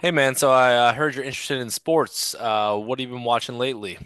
Hey man, so I heard you're interested in sports. What have you been watching lately?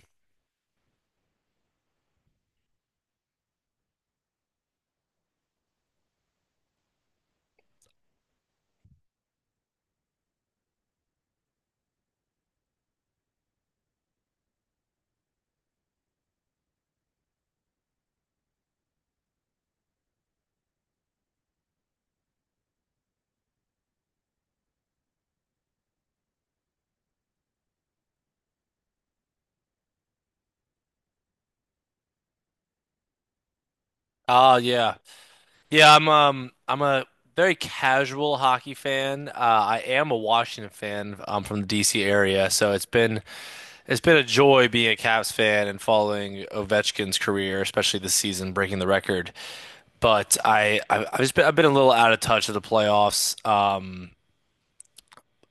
Ah, yeah, yeah. I'm a very casual hockey fan. I am a Washington fan. I'm from the DC area, so it's been a joy being a Cavs fan and following Ovechkin's career, especially this season breaking the record. But I've been a little out of touch of the playoffs. Um,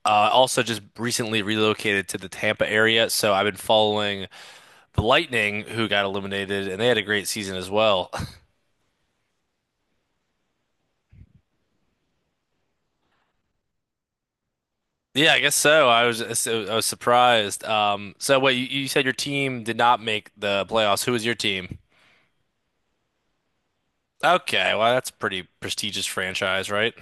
uh, Also just recently relocated to the Tampa area, so I've been following the Lightning, who got eliminated, and they had a great season as well. Yeah, I guess so. I was surprised. So wait, you said your team did not make the playoffs. Who was your team? Okay, well that's a pretty prestigious franchise, right?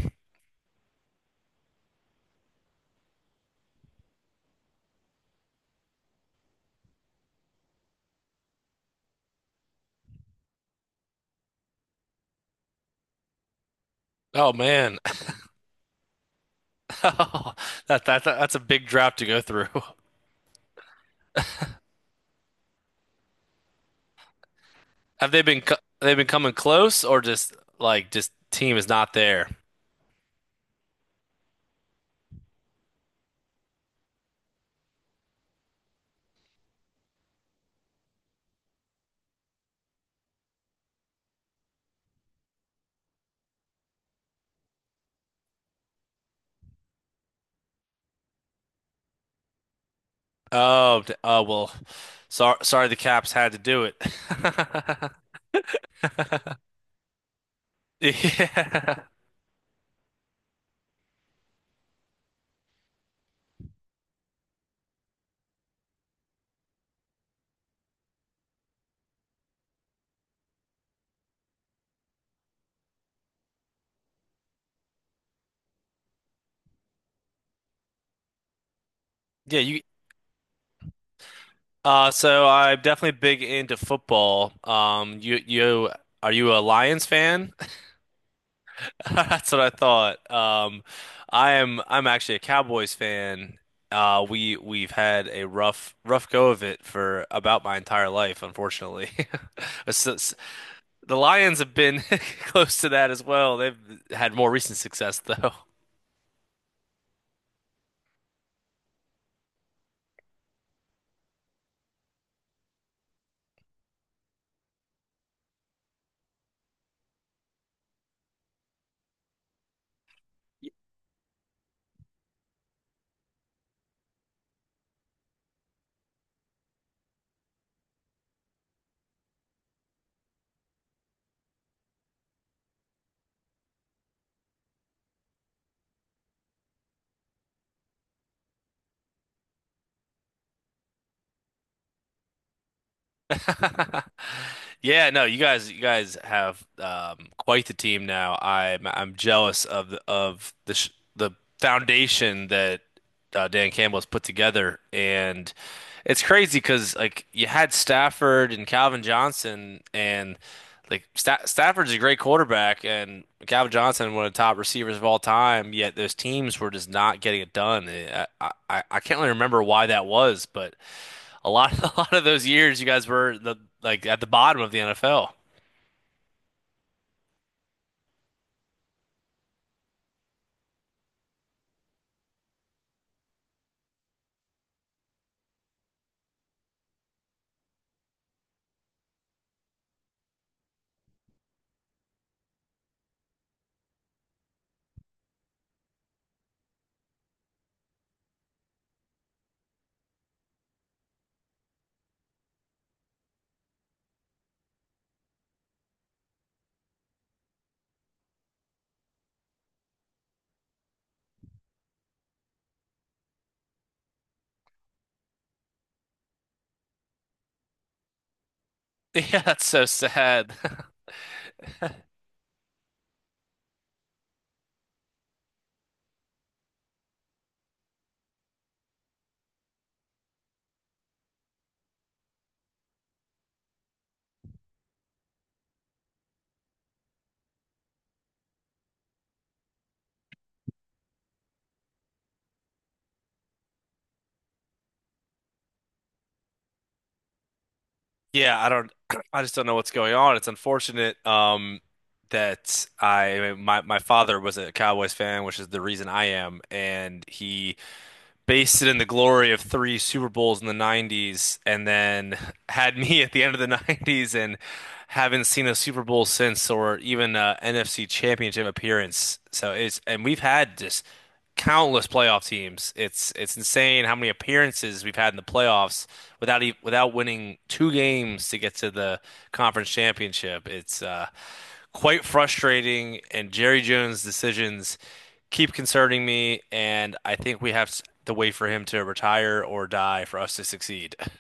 Oh man, that's a big drop to go through. Have they been co- They've been coming close, or just like just team is not there? Oh well. Sorry, the Caps had to do it. Yeah, yeah. You So I'm definitely big into football. You are you a Lions fan? That's what I thought. I am I'm actually a Cowboys fan. We've had a rough go of it for about my entire life, unfortunately. It's- The Lions have been close to that as well. They've had more recent success though. Yeah, no, you guys have quite the team now. I'm jealous of the foundation that Dan Campbell has put together, and it's crazy because like you had Stafford and Calvin Johnson, and like Stafford's a great quarterback, and Calvin Johnson one of the top receivers of all time. Yet those teams were just not getting it done. I can't really remember why that was, but a lot of, a lot of those years you guys were the like at the bottom of the NFL. Yeah, that's so sad. Yeah, I don't I just don't know what's going on. It's unfortunate that I my my father was a Cowboys fan, which is the reason I am, and he based it in the glory of three Super Bowls in the 90s and then had me at the end of the 90s and haven't seen a Super Bowl since, or even a NFC Championship appearance. So it's and We've had just countless playoff teams. It's insane how many appearances we've had in the playoffs without winning two games to get to the conference championship. It's quite frustrating, and Jerry Jones' decisions keep concerning me, and I think we have to wait for him to retire or die for us to succeed.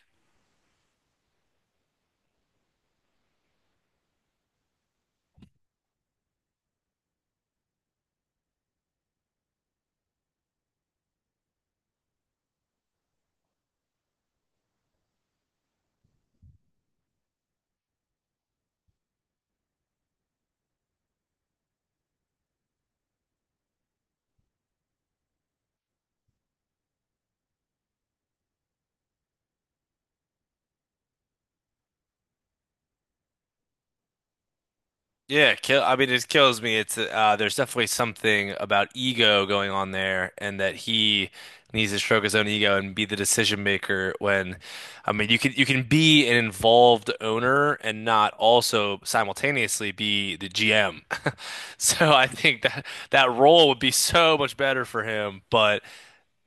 Yeah, kill. I mean, it kills me. It's there's definitely something about ego going on there, and that he needs to stroke his own ego and be the decision maker. I mean, you can be an involved owner and not also simultaneously be the GM. So I think that that role would be so much better for him. But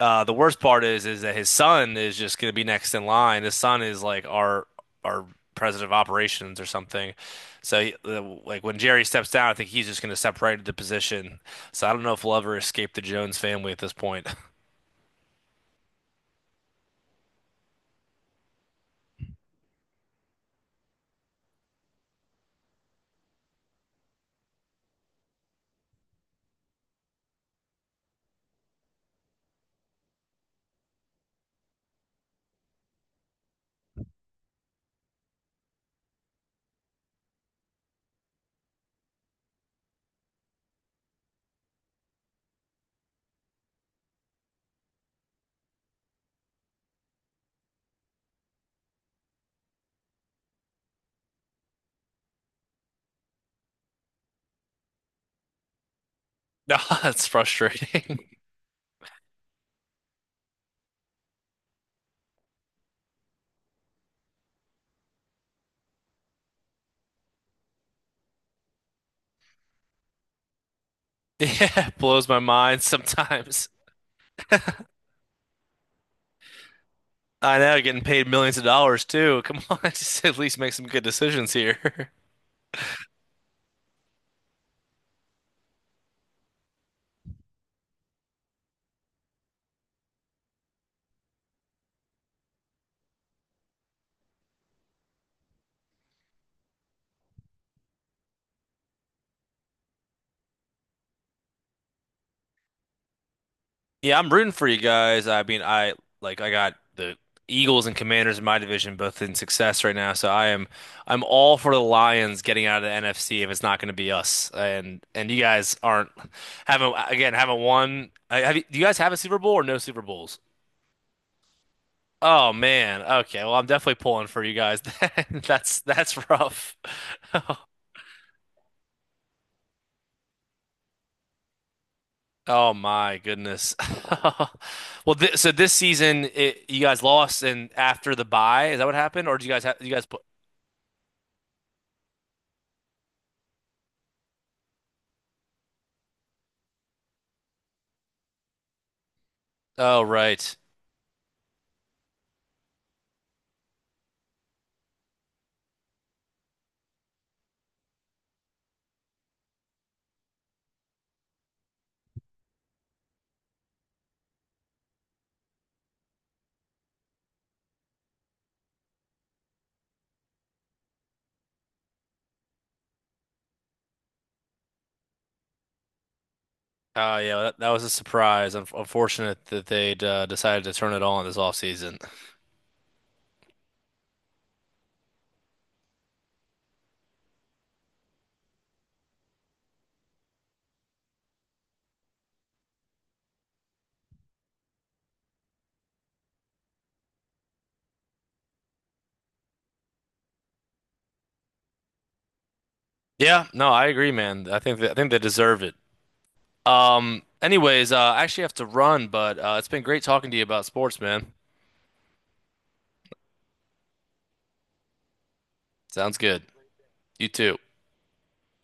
the worst part is that his son is just going to be next in line. His son is like our president of operations or something. Like when Jerry steps down, I think he's just going to step separate the position. So I don't know if we'll ever escape the Jones family at this point. No, it's frustrating. Yeah, it blows my mind sometimes. I know, getting paid millions of dollars too. Come on, just at least make some good decisions here. Yeah, I'm rooting for you guys. I mean, I like I got the Eagles and Commanders in my division both in success right now, so I'm all for the Lions getting out of the NFC if it's not going to be us. And you guys aren't haven't again haven't won. Have you, do you guys have a Super Bowl or no Super Bowls? Oh man. Okay. Well, I'm definitely pulling for you guys. That's rough. Oh my goodness. Well, th so this season you guys lost and after the bye, is that what happened or do you guys have you guys put Oh right. Oh yeah, well, that was a surprise. Unfortunate that they'd decided to turn it on this offseason. Yeah, no, I agree, man. I think they deserve it. Anyways, I actually have to run, but it's been great talking to you about sports, man. Sounds good. You too.